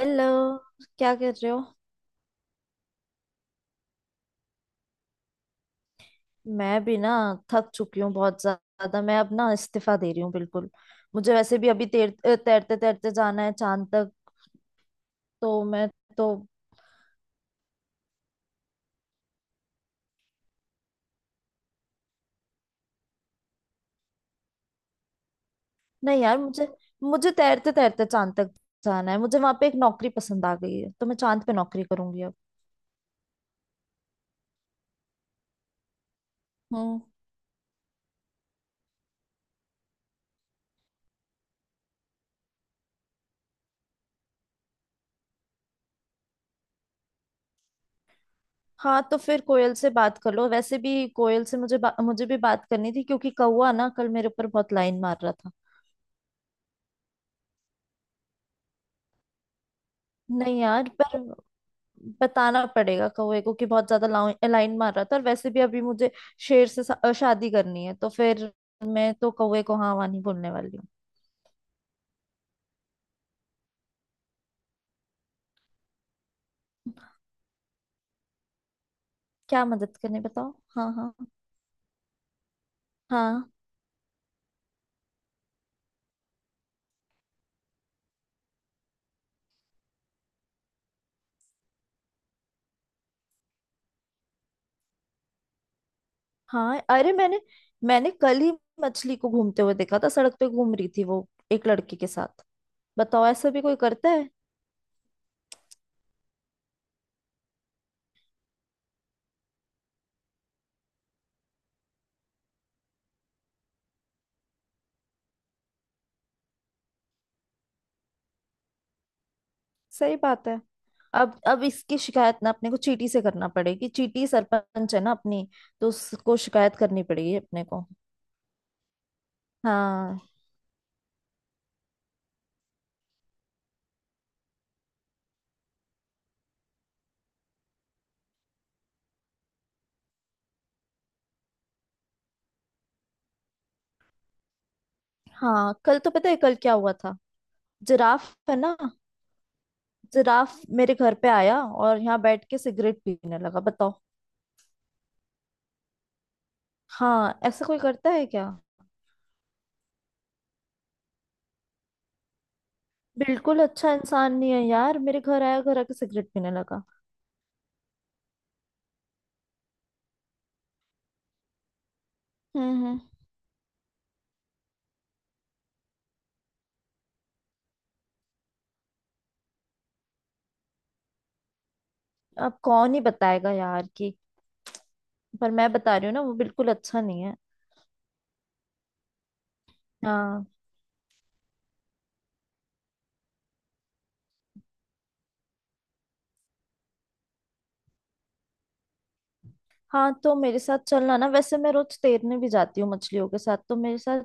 Hello. क्या कर रहे हो? मैं भी ना, थक चुकी हूँ बहुत ज्यादा। मैं अब ना इस्तीफा दे रही हूँ बिल्कुल। मुझे वैसे भी अभी तैरते तैरते जाना है चांद तक। तो मैं तो नहीं यार, मुझे मुझे तैरते तैरते चांद तक जाना है। मुझे वहां पे एक नौकरी पसंद आ गई है, तो मैं चांद पे नौकरी करूंगी अब। हम्म। हाँ, तो फिर कोयल से बात कर लो। वैसे भी कोयल से मुझे भी बात करनी थी, क्योंकि कौवा ना कल मेरे ऊपर बहुत लाइन मार रहा था। नहीं यार, पर बताना पड़ेगा कौवे को कि बहुत ज्यादा लाइन मार रहा था। और वैसे भी अभी मुझे शेर से शादी करनी है, तो फिर मैं तो कौवे को हाँ वहाँ नहीं बोलने वाली हूँ। क्या मदद करनी बताओ। हाँ हाँ। हाँ हाँ। अरे मैंने मैंने कल ही मछली को घूमते हुए देखा था। सड़क पे घूम रही थी वो, एक लड़के के साथ। बताओ, ऐसा भी कोई करता है? सही बात है। अब इसकी शिकायत ना अपने को चीटी से करना पड़ेगी। चीटी सरपंच है ना अपनी, तो उसको शिकायत करनी पड़ेगी अपने को। हाँ। हाँ कल तो पता है कल क्या हुआ था। जिराफ है ना, जिराफ मेरे घर पे आया और यहाँ बैठ के सिगरेट पीने लगा। बताओ। हाँ, ऐसा कोई करता है क्या? बिल्कुल अच्छा इंसान नहीं है यार, मेरे घर आया, घर आके सिगरेट पीने लगा। हम्म। अब कौन ही बताएगा यार कि, पर मैं बता रही हूँ ना वो बिल्कुल अच्छा नहीं है। हाँ। हाँ तो मेरे साथ चलना ना, वैसे मैं रोज तैरने भी जाती हूँ मछलियों के साथ। तो मेरे साथ,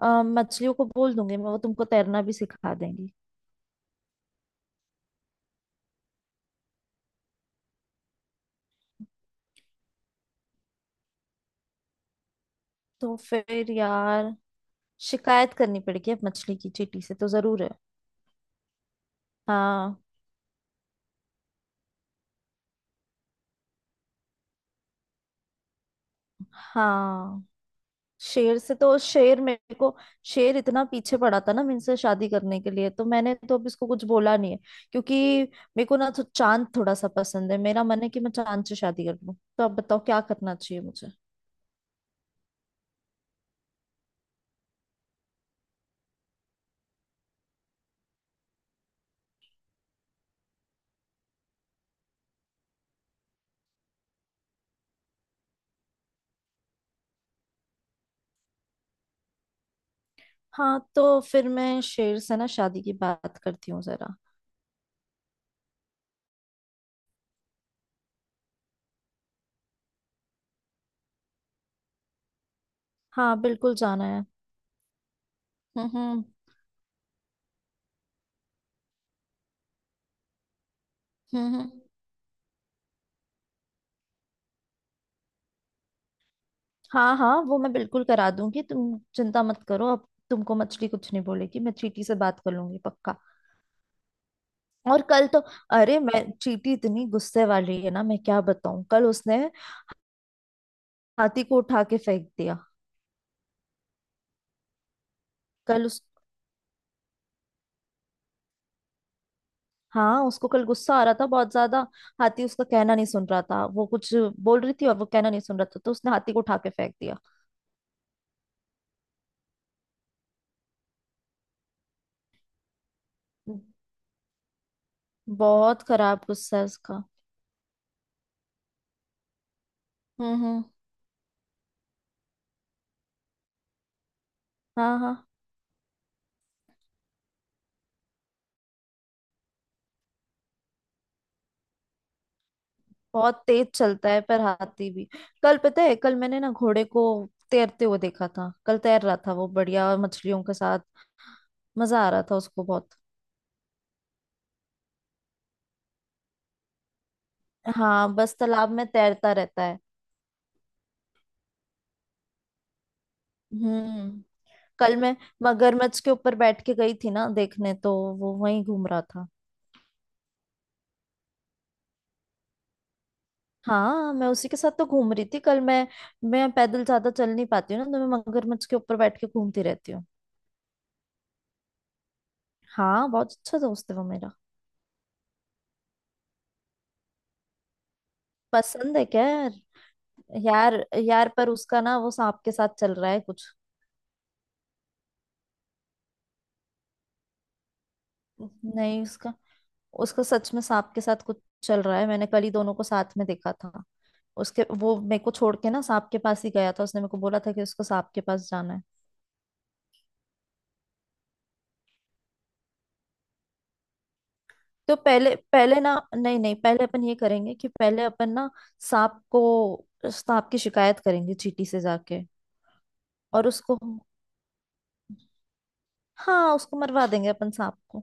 मछलियों को बोल दूंगी मैं, वो तुमको तैरना भी सिखा देंगी। तो फिर यार, शिकायत करनी पड़ेगी अब मछली की चींटी से तो जरूर है। हाँ। हाँ शेर से तो शेर मेरे को शेर इतना पीछे पड़ा था ना मुझसे शादी करने के लिए, तो मैंने तो अब इसको कुछ बोला नहीं है। क्योंकि मेरे को ना तो चांद थोड़ा सा पसंद है, मेरा मन है कि मैं चांद से शादी कर लूं। तो अब बताओ क्या करना चाहिए मुझे। हाँ तो फिर मैं शेर से ना शादी की बात करती हूँ जरा। हाँ बिल्कुल जाना है। हम्म। हम्म हम्म। हाँ हाँ, वो मैं बिल्कुल करा दूंगी। तुम चिंता मत करो, अब तुमको मछली कुछ नहीं बोलेगी, मैं चीटी से बात कर लूंगी पक्का। और कल तो अरे मैं, चीटी इतनी गुस्से वाली है ना, मैं क्या बताऊं, कल उसने हाथी को उठा के फेंक दिया। कल उस हाँ उसको कल गुस्सा आ रहा था बहुत ज्यादा। हाथी उसका कहना नहीं सुन रहा था, वो कुछ बोल रही थी और वो कहना नहीं सुन रहा था, तो उसने हाथी को उठा के फेंक दिया। बहुत खराब गुस्सा है उसका। हम्म। हाँ। हाँ बहुत तेज चलता है पर हाथी भी। कल पता है, कल मैंने ना घोड़े को तैरते हुए देखा था। कल तैर रहा था वो बढ़िया मछलियों के साथ। मजा आ रहा था उसको बहुत। हाँ बस तालाब में तैरता रहता है। हम्म। कल मैं मगरमच्छ के ऊपर बैठ के गई थी ना देखने, तो वो वहीं घूम रहा था। हाँ मैं उसी के साथ तो घूम रही थी कल। मैं पैदल ज्यादा चल नहीं पाती हूँ ना, तो मैं मगरमच्छ के ऊपर बैठ के घूमती रहती हूँ। हाँ बहुत अच्छा दोस्त है वो मेरा। पसंद है क्या? यार, यार पर उसका ना वो सांप के साथ चल रहा है कुछ। नहीं, उसका उसका सच में सांप के साथ कुछ चल रहा है, मैंने कल ही दोनों को साथ में देखा था। उसके वो मेरे को छोड़ के ना सांप के पास ही गया था। उसने मेरे को बोला था कि उसको सांप के पास जाना है। तो पहले पहले ना नहीं नहीं पहले अपन ये करेंगे कि पहले अपन ना सांप को, सांप की शिकायत करेंगे चींटी से जाके। और उसको हाँ उसको मरवा देंगे अपन, सांप को।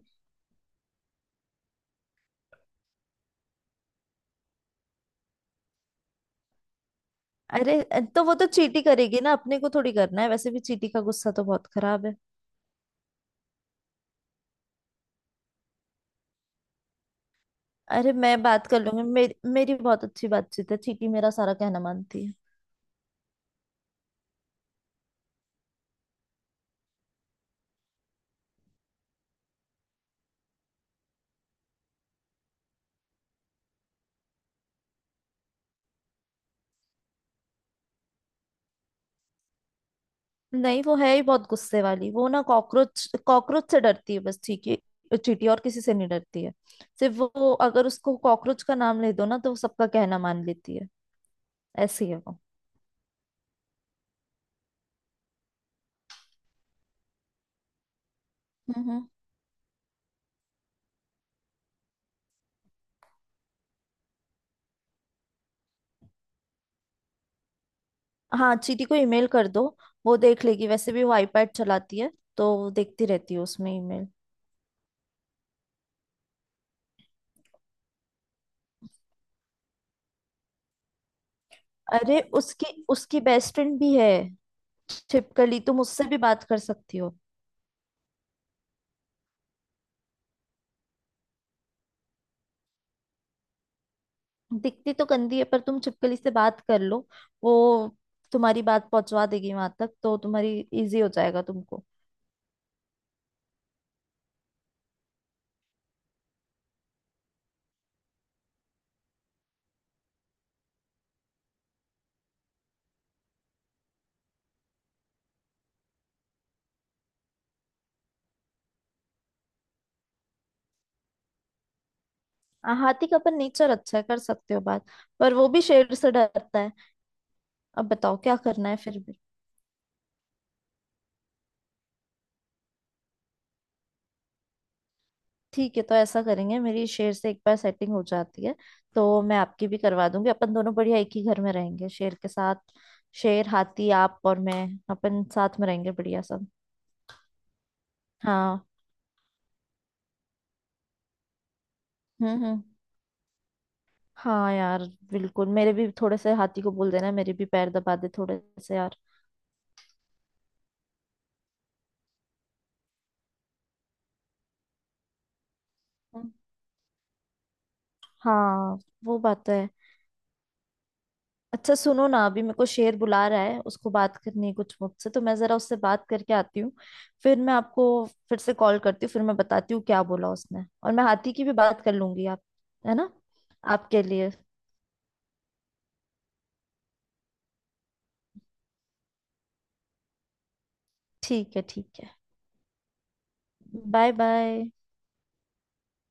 अरे तो वो तो चींटी करेगी ना, अपने को थोड़ी करना है। वैसे भी चींटी का गुस्सा तो बहुत खराब है। अरे मैं बात कर लूंगी, मेरी मेरी बहुत अच्छी बातचीत है, चीटी मेरा सारा कहना मानती है। नहीं वो है ही बहुत गुस्से वाली। वो ना कॉकरोच कॉकरोच से डरती है बस, ठीक है, चीटी और किसी से नहीं डरती है। सिर्फ वो, अगर उसको कॉकरोच का नाम ले दो ना तो वो सबका कहना मान लेती है, ऐसी है वो। हम्म हम्म। हाँ चीटी को ईमेल कर दो, वो देख लेगी। वैसे भी वो आईपैड चलाती है, तो वो देखती रहती है उसमें ईमेल। अरे उसकी, उसकी बेस्ट फ्रेंड भी है, छिपकली। तुम उससे भी बात कर सकती हो। दिखती तो गंदी है पर तुम छिपकली से बात कर लो, वो तुम्हारी बात पहुंचवा देगी वहां तक, तो तुम्हारी इजी हो जाएगा तुमको। हाँ, हाथी का अपन नेचर अच्छा है, कर सकते हो बात। पर वो भी शेर से डरता है। अब बताओ क्या करना है फिर भी। ठीक है तो ऐसा करेंगे, मेरी शेर से एक बार सेटिंग हो जाती है तो मैं आपकी भी करवा दूंगी। अपन दोनों बढ़िया एक ही घर में रहेंगे शेर के साथ। शेर, हाथी, आप और मैं, अपन साथ में रहेंगे बढ़िया सब। हाँ। हम्म। हाँ यार, बिल्कुल मेरे भी थोड़े से हाथी को बोल देना, मेरे भी पैर दबा दे थोड़े से यार। हाँ। वो बात तो है। अच्छा सुनो ना, अभी मेरे को शेर बुला रहा है, उसको बात करनी है कुछ मुझसे, तो मैं जरा उससे बात करके आती हूँ। फिर मैं आपको फिर से कॉल करती हूँ, फिर मैं बताती हूँ क्या बोला उसने, और मैं हाथी की भी बात कर लूंगी आप, है ना, आपके लिए। ठीक है ठीक है। Bye bye.